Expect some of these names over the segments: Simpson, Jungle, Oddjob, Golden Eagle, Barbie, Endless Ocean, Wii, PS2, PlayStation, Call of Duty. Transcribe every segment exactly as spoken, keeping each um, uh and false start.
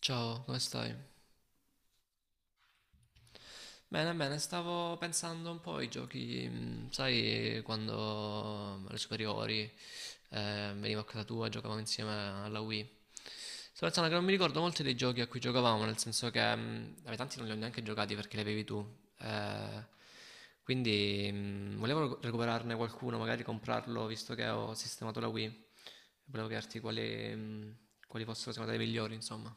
Ciao, come stai? Bene, bene, stavo pensando un po' ai giochi, mm, sai, quando alle superiori eh, venivo a casa tua e giocavamo insieme alla Wii. Sto pensando che non mi ricordo molti dei giochi a cui giocavamo, nel senso che mm, vabbè, tanti non li ho neanche giocati perché li avevi tu. eh, quindi mm, volevo recu- recuperarne qualcuno, magari comprarlo, visto che ho sistemato la Wii. Volevo chiederti quali, mm, quali fossero secondo te i migliori, insomma.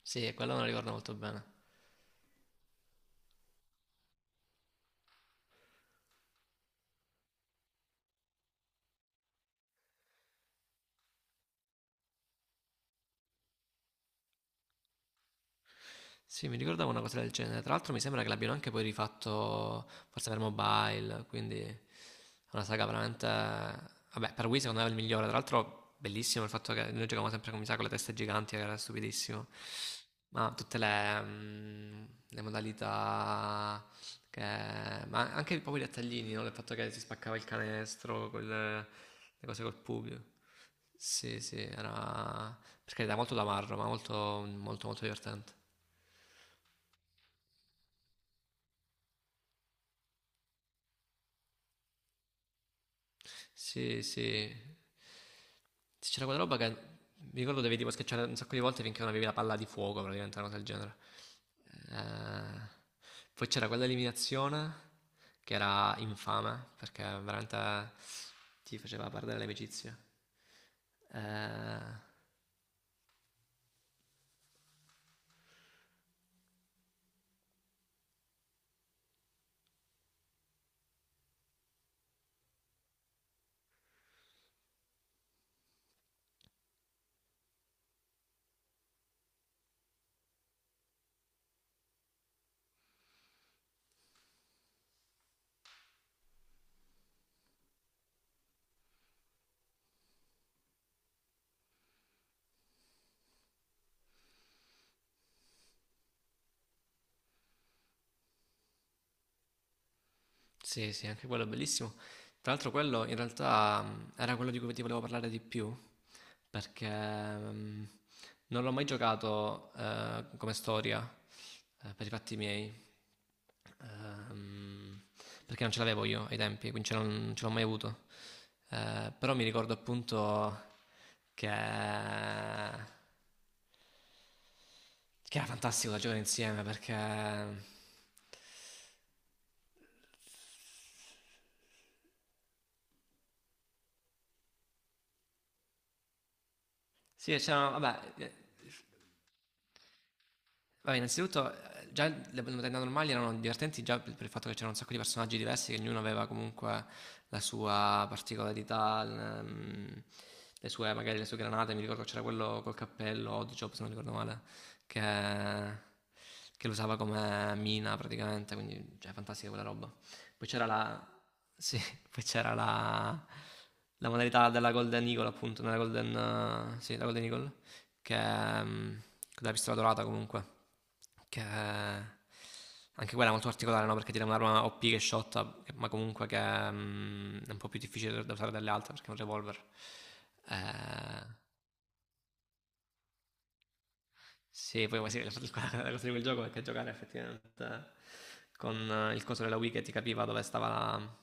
Sì, quello me lo ricordo molto bene. Sì, mi ricordavo una cosa del genere. Tra l'altro mi sembra che l'abbiano anche poi rifatto, forse per mobile, quindi è una saga veramente... Vabbè, per Wii secondo me è il migliore. Tra l'altro bellissimo il fatto che noi giocavamo sempre con, mi sa, con le teste giganti, che era stupidissimo. Ma tutte le, mm, le modalità... Che... Ma anche proprio i dettaglini, no? Il fatto che si spaccava il canestro, quelle... le cose col pubblico. Sì, sì, era... Per carità, molto da marro, ma molto, molto, molto divertente. Sì, sì. Sì, c'era quella roba che mi ricordo dovevi tipo schiacciare un sacco di volte finché non avevi la palla di fuoco, praticamente una cosa del genere. Eh, poi c'era quella eliminazione che era infame perché veramente ti faceva perdere l'amicizia. Eh, sì, sì, anche quello è bellissimo. Tra l'altro quello in realtà mh, era quello di cui ti volevo parlare di più perché mh, non l'ho mai giocato eh, come storia eh, per i fatti miei, ehm, perché non ce l'avevo io ai tempi, quindi ce l'ho- non ce l'ho mai avuto. Eh, però mi ricordo appunto che, che era fantastico da giocare insieme perché sì, c'erano, vabbè, eh, vabbè, innanzitutto eh, già le modalità normali erano divertenti già per per il fatto che c'erano un sacco di personaggi diversi, che ognuno aveva comunque la sua particolarità, l- ehm, le sue, magari le sue granate. Mi ricordo c'era quello col cappello, Oddjob, se non ricordo male, che, che lo usava come mina praticamente, quindi cioè, fantastica quella roba. Poi c'era la... Sì, poi c'era la... La modalità della Golden Eagle, appunto, nella Golden... eh, sì, la Golden Eagle che è, mm, della pistola dorata comunque, che è- anche quella è molto particolare, no? Perché tira un'arma O P che shotta, che- ma comunque che mm, è un po' più difficile da usare dalle altre perché è un revolver. Eh, sì, poi sì, la la cosa di quel gioco è che giocare effettivamente con eh, il coso della Wii che ti capiva dove stava la-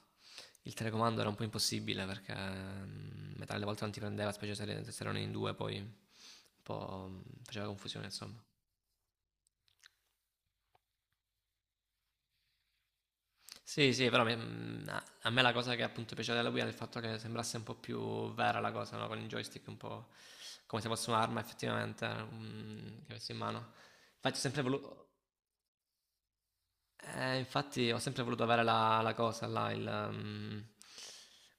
il telecomando era un po' impossibile perché mm, metà delle volte non ti prendeva, specie se, se erano in due, poi un po' mm, faceva confusione, insomma. Sì, sì, però me- mh, a a me la cosa che appunto piaceva della Wii era il fatto che sembrasse un po' più vera la cosa, no? Con il joystick un po' come se fosse un'arma effettivamente, mm, che avessi in mano. Infatti ho sempre volu- eh, infatti ho sempre voluto avere la, la cosa là, il, ehm,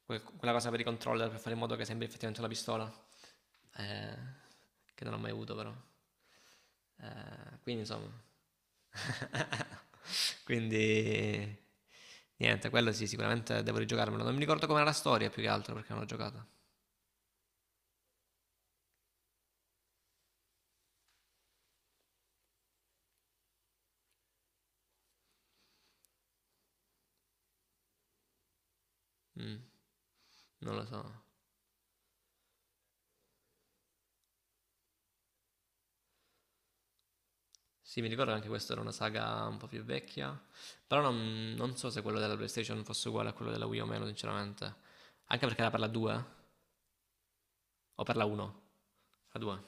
que- quella cosa per i controller per fare in modo che sembri effettivamente una pistola, eh, che non ho mai avuto però. Eh, quindi insomma, quindi niente, quello sì, sicuramente devo rigiocarmelo. Non mi ricordo com'era la storia più che altro perché non l'ho giocata. Mm, non lo so. Sì, mi ricordo che anche questa era una saga un po' più vecchia, però non, non so se quello della PlayStation fosse uguale a quello della Wii o meno, sinceramente. Anche perché era per la due o per la uno? La due.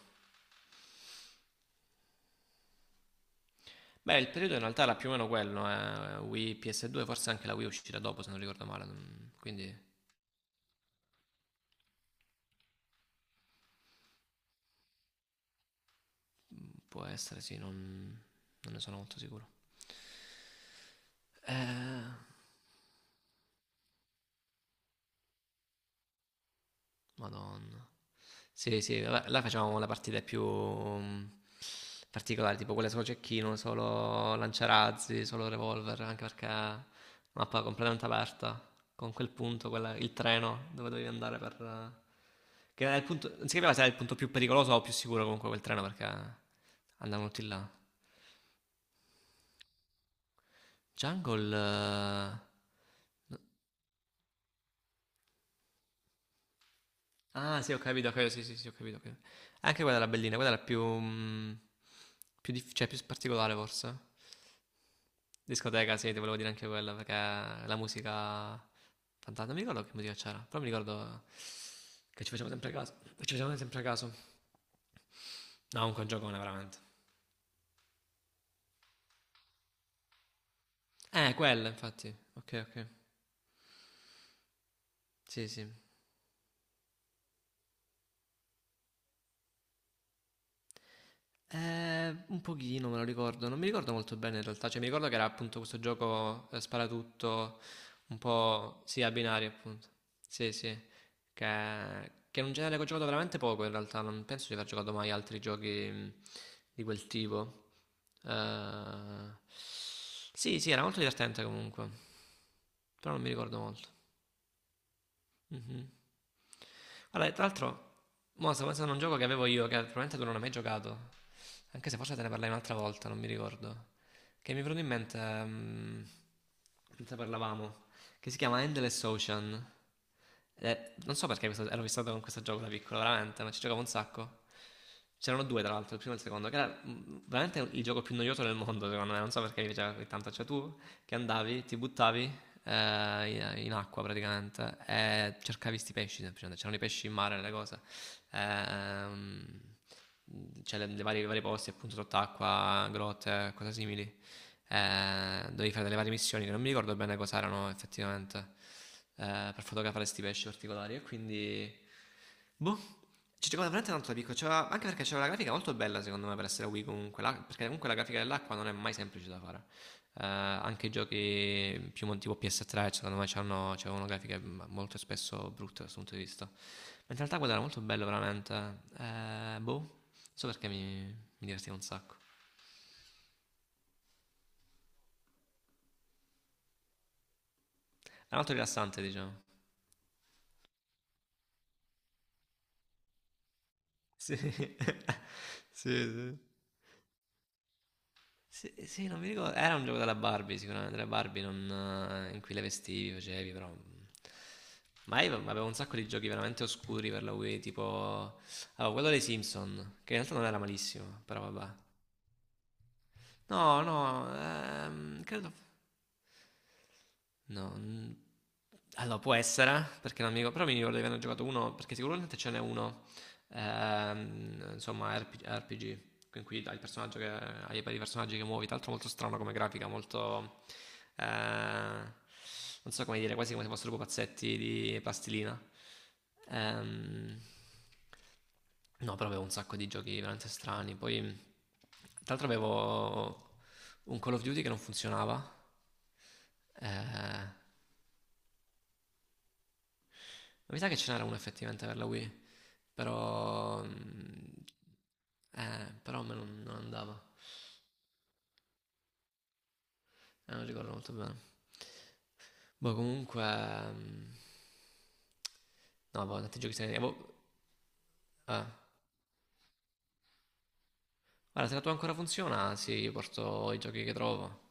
Beh, il periodo in realtà era più o meno quello, eh. Wii P S due, forse anche la Wii uscirà dopo, se non ricordo male, non- quindi mm, può essere, sì, non, non ne sono molto sicuro. Eh... Madonna. Sì, sì, vabbè, là facevamo le partite più mm, particolari, tipo quelle solo cecchino, solo lanciarazzi, solo revolver, anche perché mappa completamente aperta, con quel punto, quella- il treno dove dovevi andare per... eh, che era il punto, non si capiva se era il punto più pericoloso o più sicuro comunque quel treno perché andavano tutti là. Jungle... eh, ah sì, ho capito, ho capito, sì, sì, sì, ho capito, ho capito. Anche quella era bellina, quella era più... mm, più, dif- cioè, più particolare forse. Discoteca, sì, ti volevo dire anche quella, perché la musica... Fantastica, non mi ricordo che musica c'era, però mi ricordo che ci facevamo sempre caso. Che ci facevamo sempre caso. No, comunque è un giocone, veramente. Eh, quella, infatti. Ok, ok. Sì, sì. Ehm, un pochino me lo ricordo, non mi ricordo molto bene in realtà, cioè mi ricordo che era appunto questo gioco eh, sparatutto, un po' sì, a binari appunto, sì sì, che, che è un genere che ho giocato veramente poco in realtà, non penso di aver giocato mai altri giochi mh, di quel tipo. Eh, sì sì, era molto divertente comunque, però non mi ricordo molto. Mhm. Allora, tra l'altro, mo sto pensando a un gioco che avevo io, che probabilmente tu non hai mai giocato, anche se forse te ne parlai un'altra volta, non mi ricordo, che mi è venuto in mente, mm, mentre parlavamo, che si chiama Endless Ocean. Eh, non so perché questo- ero fissato con questo gioco da piccolo, veramente, non ci giocavo un sacco. C'erano due, tra l'altro, il primo e il secondo, che era mh, veramente il gioco più noioso del mondo, secondo me. Non so perché mi piaceva così tanto. Cioè, tu che andavi, ti buttavi eh, in in acqua praticamente e cercavi sti pesci semplicemente. C'erano i pesci in mare, le cose ehm, cioè le, le varie, i vari posti appunto sott'acqua, grotte, cose simili, eh, dovevi fare delle varie missioni che non mi ricordo bene cosa erano effettivamente eh, per fotografare questi pesci particolari e quindi boh, ci giocavo veramente tanto da piccolo, c'era- anche perché c'era una grafica molto bella secondo me per essere Wii comunque, la- perché comunque la grafica dell'acqua non è mai semplice da fare. Eh, anche i giochi più mon- tipo P S tre secondo me c'hanno, c'avevano grafiche m- molto spesso brutte da questo punto di vista. Mentre in realtà quello era molto bello veramente. Eh, boh, non so perché mi, mi divertiva un sacco. Era molto rilassante diciamo. Sì, sì, sì. Sì, sì, non mi ricordo. Era un gioco della Barbie, sicuramente. Della Barbie non, eh, in cui le vestivi, facevi, però. Mm. Ma io avevo un sacco di giochi veramente oscuri per la Wii, tipo. Avevo quello dei Simpson, che in realtà non era malissimo, però vabbè. No, no, ehm, credo. No. n- Allora, può essere, perché non mi ricordo, però mi ricordo di averne giocato uno, perché sicuramente ce n'è uno, ehm, insomma, RP- R P G, in cui hai il personaggio che, hai i vari personaggi che muovi, tra l'altro molto strano come grafica, molto, eh, non so come dire, quasi come se fossero pupazzetti di plastilina. Ehm, no, però avevo un sacco di giochi veramente strani, poi, tra l'altro avevo un Call of Duty che non funzionava, eh, mi sa che ce n'era una effettivamente per la Wii, però... mm, eh, però a me non, non andava. Eh, non ricordo molto bene. Boh, comunque... mm, no, boh, tanti giochi se ne... boh, eh. Guarda, se la tua ancora funziona, sì, io porto i giochi che trovo.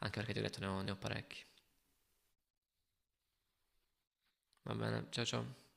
Anche perché ti ho detto ne ho, ne ho parecchi. Va bene, ciao ciao.